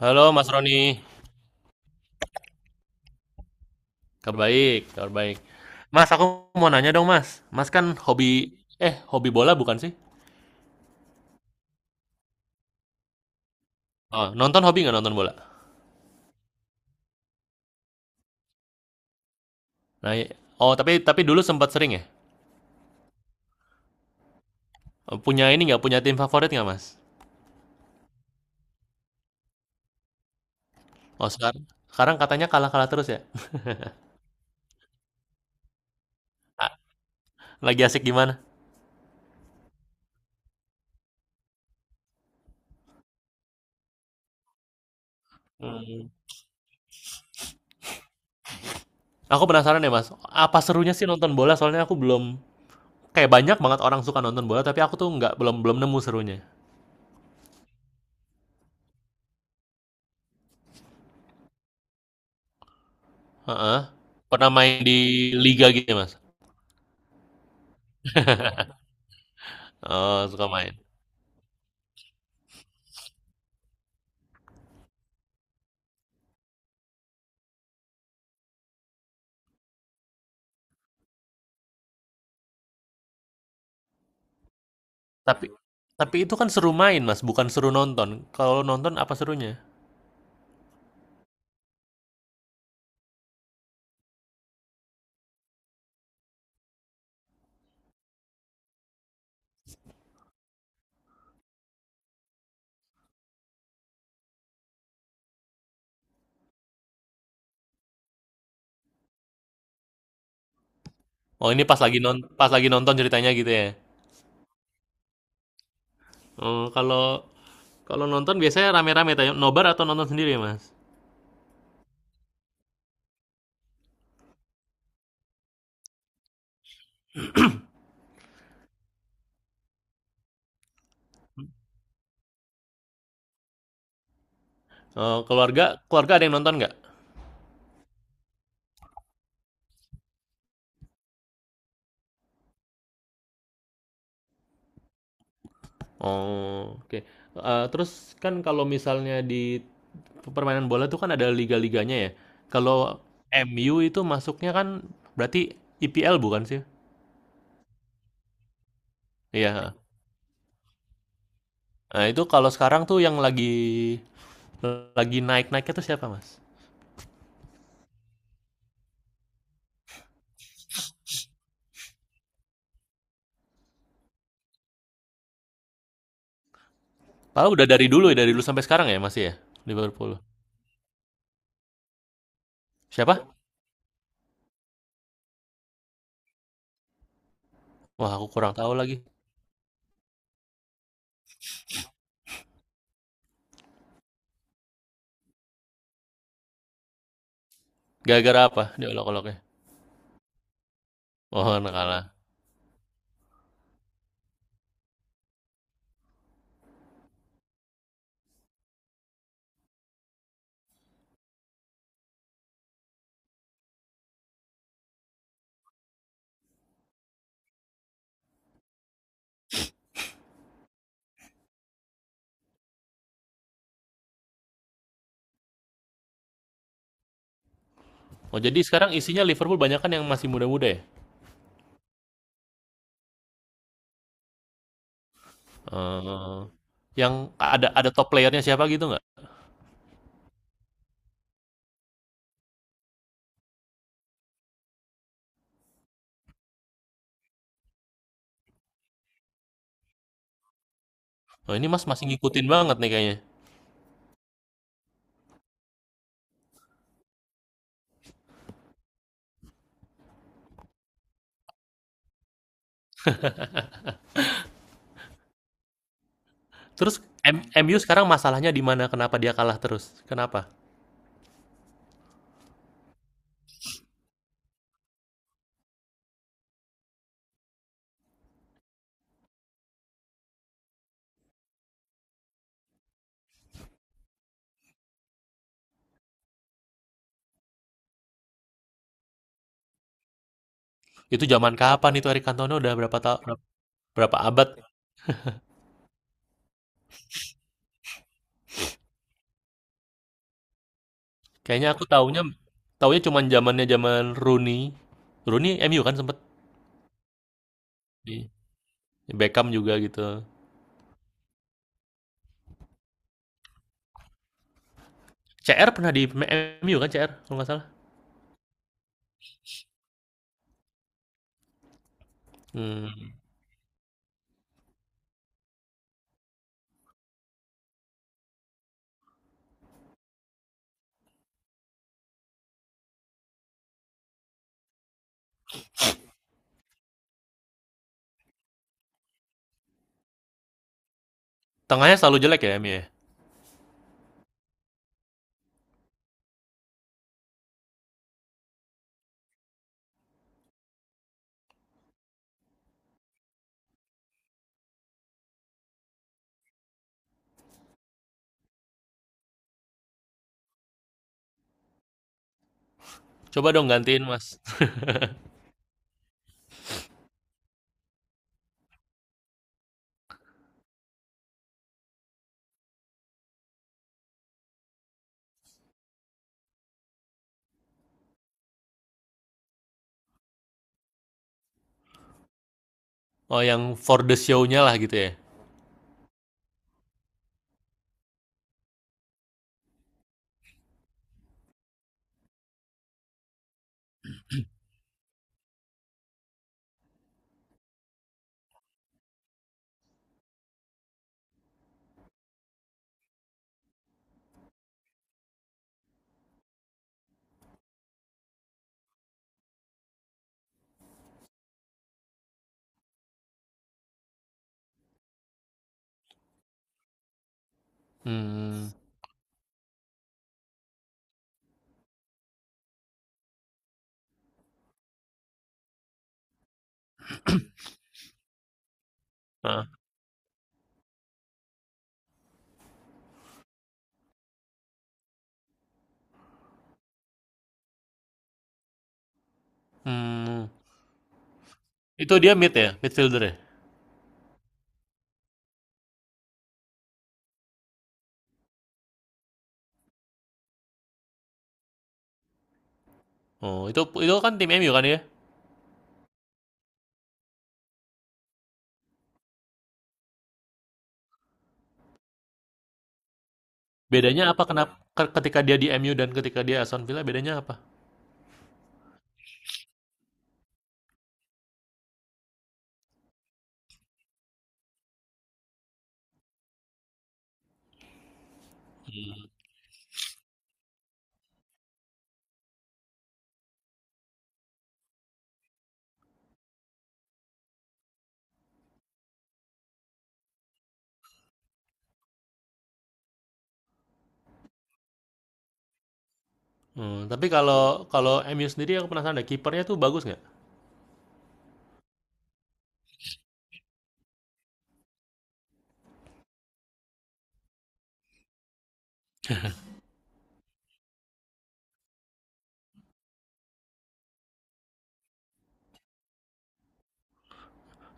Halo Mas Roni, kabar baik, kabar baik. Mas, aku mau nanya dong Mas. Mas kan hobi bola bukan sih? Oh, nonton hobi nggak nonton bola? Nah, i- oh tapi dulu sempat sering ya. Oh, punya ini nggak punya tim favorit nggak Mas? Oh sekarang, sekarang katanya kalah-kalah terus ya. A- Lagi asik gimana? Hmm. Aku penasaran ya Mas. Apa serunya sih nonton bola? Soalnya aku belum kayak banyak banget orang suka nonton bola, tapi aku tuh nggak belum belum nemu serunya. Heeh. Pernah main di liga gitu ya Mas? Oh, suka main. Tapi tapi itu kan seru main, Mas, bukan seru nonton. Kalau nonton apa serunya? Oh, ini pas lagi nonton ceritanya gitu ya. Oh, kalau kalau nonton biasanya rame-rame tanya nobar atau nonton sendiri ya, Mas? Oh, keluarga keluarga ada yang nonton nggak? Oh, oke. Terus kan kalau misalnya di permainan bola tuh kan ada liga-liganya ya. Kalau MU itu masuknya kan berarti IPL bukan sih? Iya. Nah, itu kalau sekarang tuh yang lagi naik-naiknya tuh siapa, Mas? Padahal udah dari dulu ya, dari dulu sampai sekarang ya masih ya Liverpool. Siapa? Wah, aku kurang tahu lagi. Gara-gara apa diolok-oloknya? Oh, anak Oh, jadi sekarang isinya Liverpool banyak kan yang masih muda-muda ya? Eh, yang ada top playernya siapa gitu nggak? Oh, ini Mas masih ngikutin banget nih kayaknya. Terus MU sekarang masalahnya di mana? Kenapa dia kalah terus? Kenapa? Itu zaman kapan itu Eric Cantona udah berapa abad? Kayaknya aku taunya taunya cuman zaman Rooney. Rooney MU kan sempet. Beckham juga gitu. CR pernah di MU kan, CR kalau nggak salah. Hmm. Tengahnya selalu jelek ya MU ya. Coba dong gantiin mas. Oh yang for the show-nya lah gitu ya. Hmm. Ah. Hmm. Itu dia mid ya, midfielder ya. Oh itu kan tim MU kan ya. Bedanya apa, kenapa ketika dia di MU dan ketika dia Aston Villa bedanya apa? Hmm, tapi kalau kalau MU sendiri aku penasaran deh kipernya tuh bagus nggak?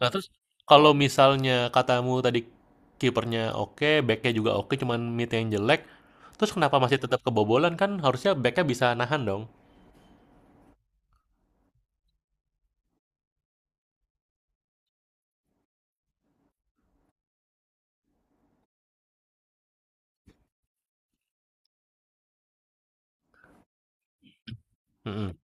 Nah, terus kalau misalnya katamu tadi kipernya oke, backnya juga oke, cuman mid yang jelek, terus kenapa masih tetap kebobolan kan? Harusnya backnya bisa nahan dong. Mm-mm.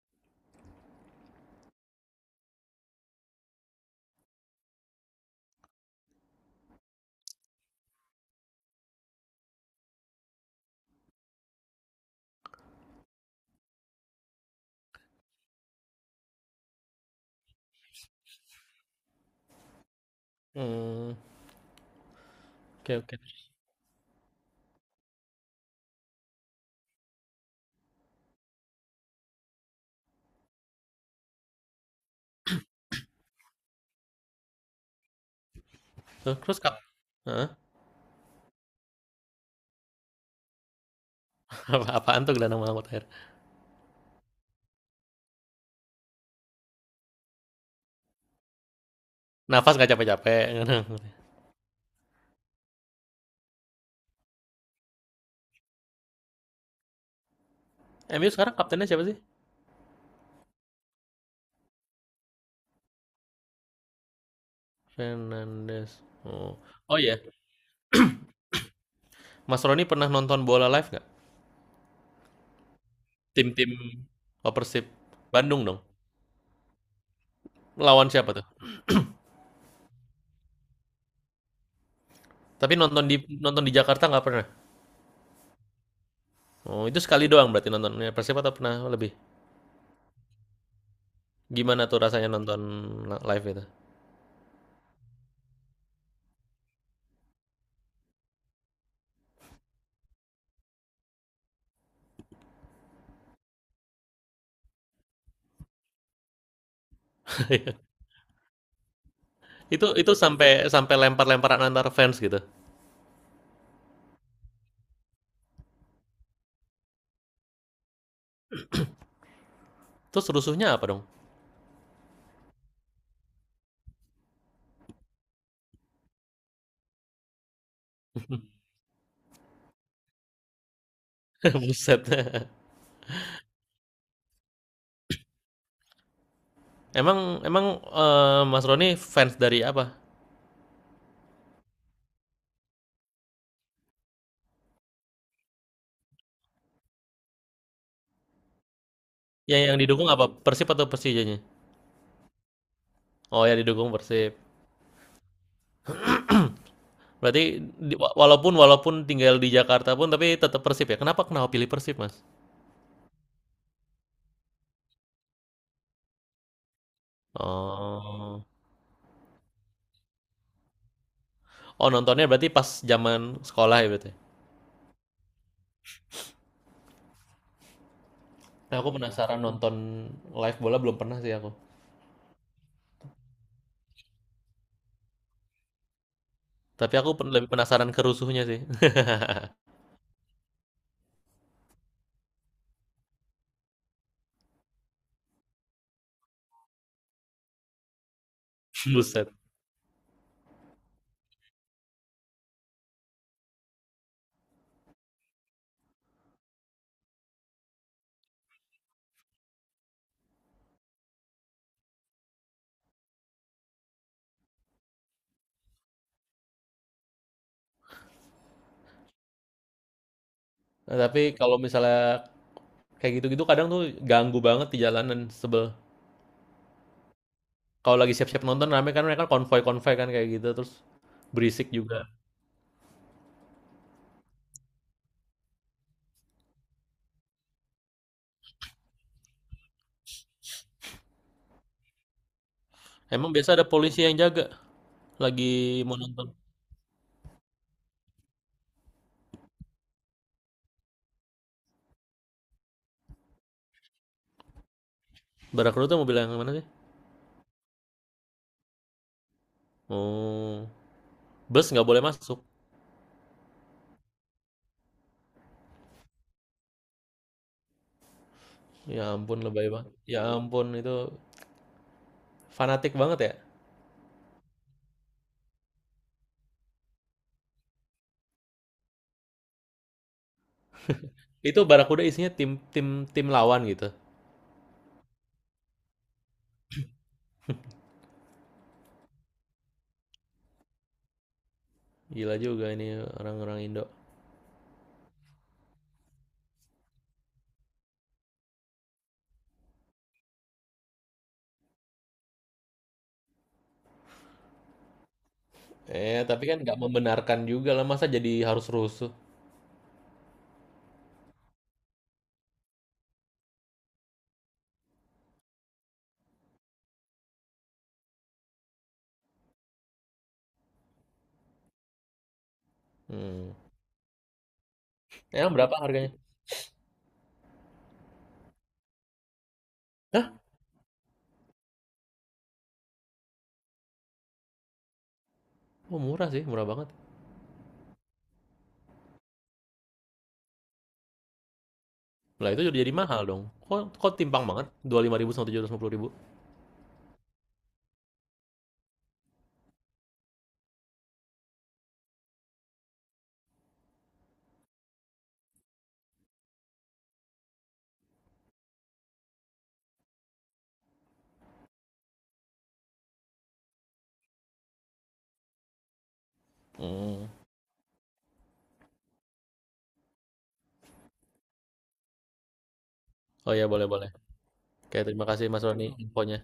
Hmm, oke oke. Terus, terus kap- Hah? Apa- Apaan tuh gelandang Mahmud Air? Nafas nggak capek-capek. MU sekarang kaptennya siapa sih? Fernandes. Oh, oh iya. Mas Roni pernah nonton bola live nggak? Tim-tim Oh, Persib Bandung dong. Lawan siapa tuh? Tapi nonton di Jakarta nggak pernah. Oh, itu sekali doang berarti nontonnya Persib atau pernah lebih? Gimana tuh rasanya nonton live itu? Itu sampai sampai lempar-lemparan antar fans gitu. Terus rusuhnya apa dong? Buset. emang emang eh, Mas Roni fans dari apa? Yang didukung apa? Persib atau Persijanya? Oh ya didukung Persib. Berarti walaupun walaupun tinggal di Jakarta pun tapi tetap Persib ya. Kenapa kenapa pilih Persib, Mas? Oh. Oh, nontonnya berarti pas zaman sekolah ya berarti. Nah, aku penasaran nonton live bola belum pernah sih aku. Tapi aku lebih penasaran kerusuhnya sih. Buset. Nah, tapi kalau misalnya kayak gitu-gitu kadang tuh ganggu banget di jalanan sebel. Kalau lagi siap-siap nonton rame kan mereka konvoy-konvoy kan kayak gitu terus berisik juga. Emang biasa ada polisi yang jaga lagi mau nonton. Barakru tuh mobil yang mana sih? Oh, bus nggak boleh masuk. Ya ampun lebay banget. Ya ampun itu fanatik banget ya. Itu Barakuda isinya tim tim tim lawan gitu. Gila juga ini orang-orang Indo. Eh, tapi kan nggak membenarkan juga lah masa jadi harus rusuh. Hmm. Emang berapa harganya? Hah? Oh, murah sih, murah banget. Lah itu jadi mahal dong. Kok timpang banget? 25.000 sama 750.000. Hmm. Oh ya, boleh-boleh. Oke, terima kasih Mas Roni infonya.